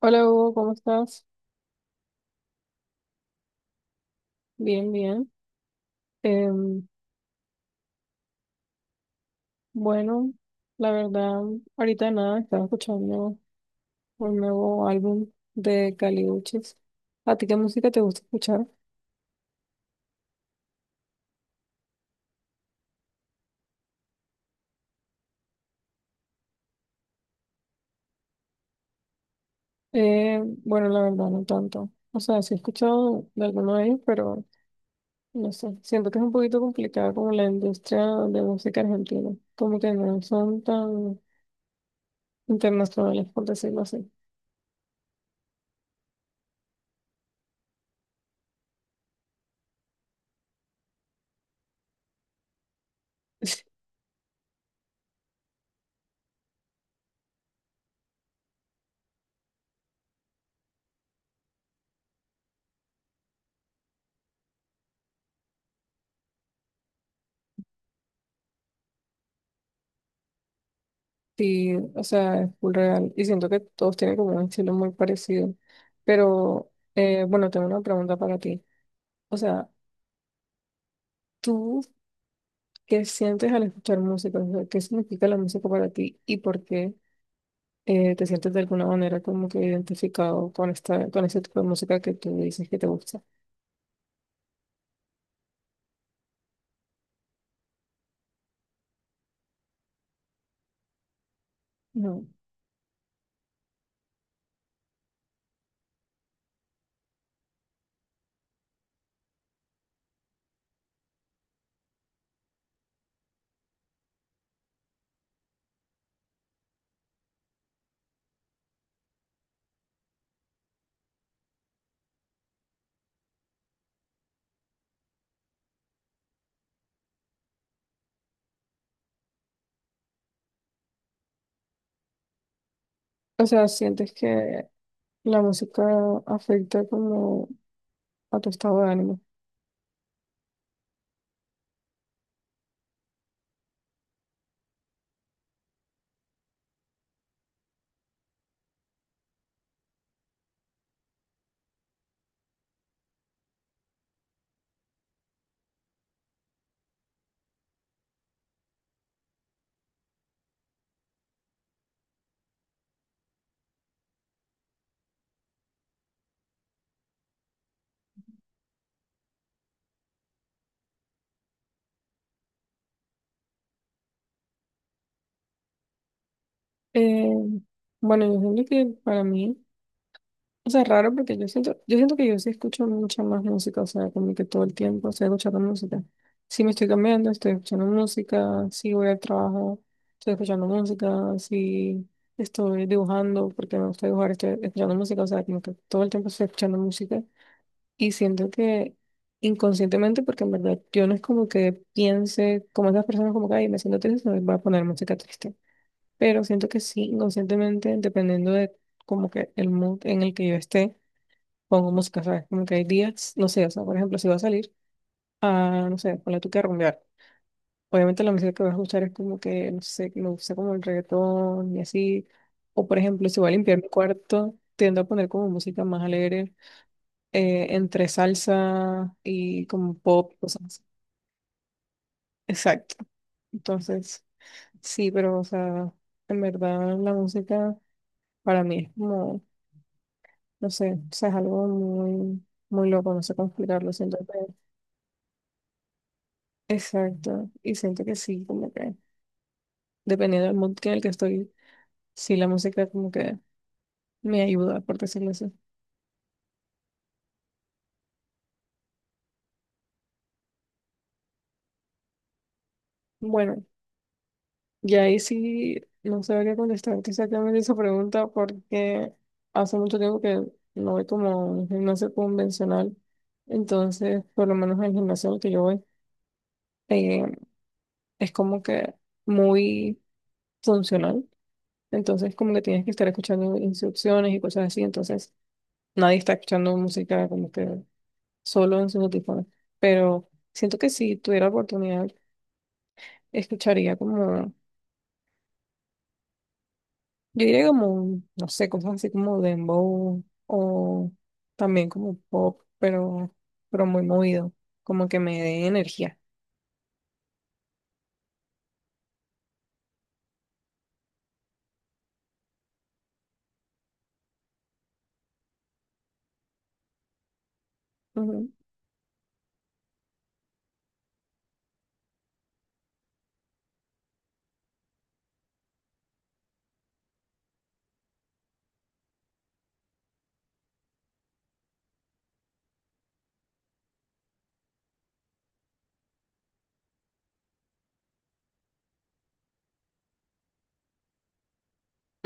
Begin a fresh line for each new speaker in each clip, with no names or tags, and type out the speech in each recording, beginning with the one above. Hola Hugo, ¿cómo estás? Bien, bien. Em, bueno, la verdad, ahorita nada, estaba escuchando un nuevo álbum de Caliuchis. ¿A ti qué música te gusta escuchar? Eh, bueno, la verdad, no tanto. O sea, sí he escuchado de alguno de ellos, pero no sé. Siento que es un poquito complicado como la industria de música argentina. Como que no son tan internacionales, por decirlo así. Sí, o sea, es full real. Y siento que todos tienen como un estilo muy parecido. Pero, bueno, tengo una pregunta para ti. O sea, ¿tú qué sientes al escuchar música? O sea, ¿qué significa la música para ti y por qué te sientes de alguna manera como que identificado con esta, con ese tipo de música que tú dices que te gusta? No. O sea, ¿sientes que la música afecta como a tu estado de ánimo? Eh, bueno, yo siento que para mí... O sea, es raro porque yo siento que yo sí escucho mucha más música, o sea, como que todo el tiempo estoy escuchando música. Si me estoy cambiando, estoy escuchando música, si voy al trabajo, estoy escuchando música, si estoy dibujando, porque me gusta dibujar, estoy escuchando música, o sea, como que todo el tiempo estoy escuchando música. Y siento que inconscientemente, porque en verdad yo no es como que piense como esas personas como que, ay, me siento triste, voy a poner música triste. Pero siento que sí, inconscientemente, dependiendo de como que el mood en el que yo esté pongo música, ¿sabes? Como que hay días, no sé, o sea, por ejemplo, si voy a salir a, no sé, ponle tú que a rumbear. Obviamente la música que voy a escuchar es como que, no sé, que me gusta como el reggaetón y así. O por ejemplo, si voy a limpiar mi cuarto, tiendo a poner como música más alegre, entre salsa y como pop, cosas así. Exacto. Entonces, sí, pero, o sea, en verdad la música para mí es como, no sé, o sea, es algo muy, muy loco, no sé cómo explicarlo, siento. Exacto. Y siento que sí, como que dependiendo del mood que en el que estoy, sí, la música como que me ayuda, por decirlo así. Bueno, y ahí sí no sabría contestarte exactamente esa pregunta porque hace mucho tiempo que no voy como a un gimnasio convencional. Entonces, por lo menos en el gimnasio al que yo voy, eh, es como que muy funcional. Entonces, como que tienes que estar escuchando instrucciones y cosas así. Entonces, nadie está escuchando música como que solo en sus audífonos. Pero siento que si tuviera la oportunidad, escucharía como, yo diría como, no sé, cosas así como dembow o también como pop, pero muy movido, como que me dé energía. Ujú,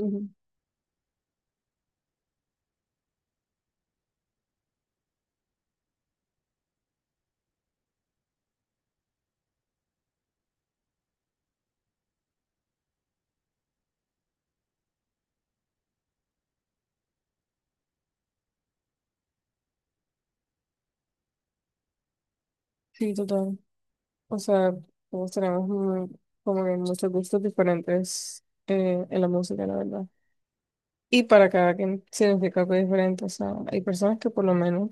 ujú. Sí, total. O sea, todos tenemos muy- como que muchos gustos diferentes en la música, la verdad. Y para cada quien significa algo diferente. O sea, hay personas que por lo menos...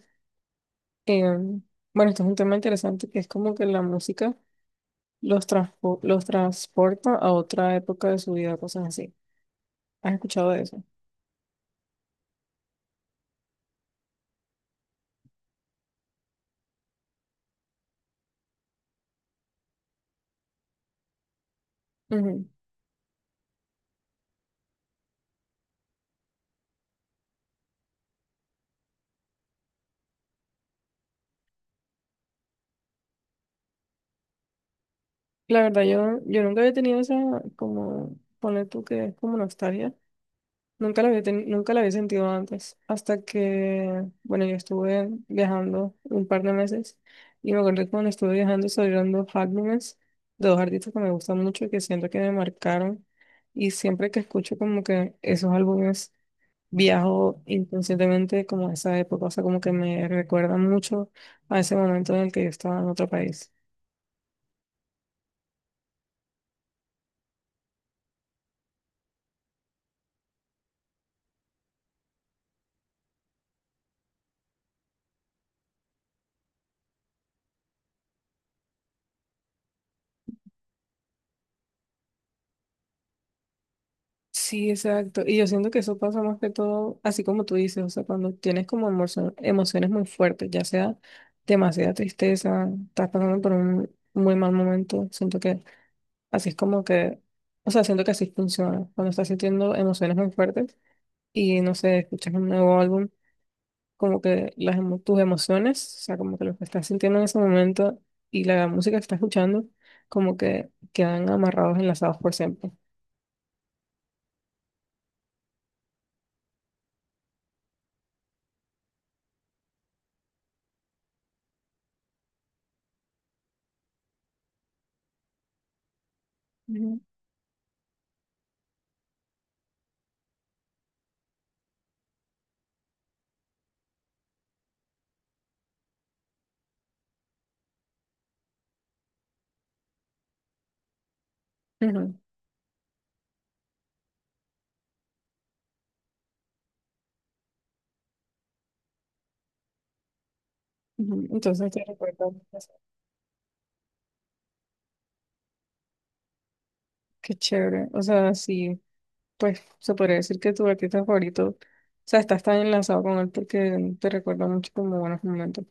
Em, bueno, esto es un tema interesante que es como que la música los, transpo- los transporta a otra época de su vida, cosas así. ¿Has escuchado de eso? Ujú. La verdad, yo nunca había tenido esa, como, poner tú que es como nostalgia. Nunca la había, teni- nunca la había sentido antes. Hasta que, bueno, yo estuve viajando un par de meses y me acuerdo que cuando estuve viajando salieron dos álbumes de dos artistas que me gustan mucho y que siento que me marcaron. Y siempre que escucho como que esos álbumes viajo inconscientemente como a esa época, o sea, como que me recuerda mucho a ese momento en el que yo estaba en otro país. Sí, exacto. Y yo siento que eso pasa más que todo, así como tú dices, o sea, cuando tienes como emocio- emociones muy fuertes, ya sea demasiada tristeza, estás pasando por un muy mal momento, siento que así es como que, o sea, siento que así funciona, cuando estás sintiendo emociones muy fuertes y, no sé, escuchas un nuevo álbum. Como que las, emo- tus emociones, o sea, como que lo que estás sintiendo en ese momento y la música que estás escuchando, como que quedan amarrados, enlazados por siempre. Ujú, ujú, ujú. Entonces te recuerda, pues, qué chévere. O sea, sí, pues se podría decir que tu artista favorito, o sea, estás tan enlazado con él porque te recuerda mucho como buenos momentos.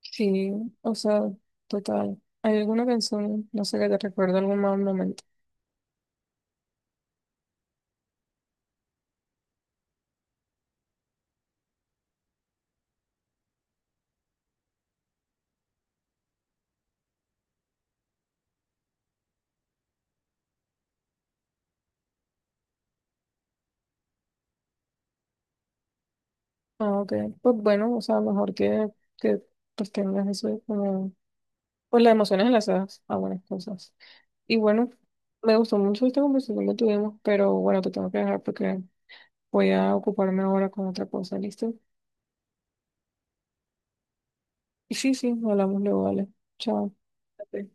Sí, o sea, total. ¿Hay alguna canción, no sé, que te recuerda algún mal momento? Ah, ok. Pues bueno, o sea, mejor que pues tengas eso como, pues las emociones enlazadas a buenas cosas. Y bueno, me gustó mucho esta conversación que tuvimos, pero bueno, te tengo que dejar porque voy a ocuparme ahora con otra cosa, ¿listo? Y sí, sí, hablamos luego, vale. Chao. Ok.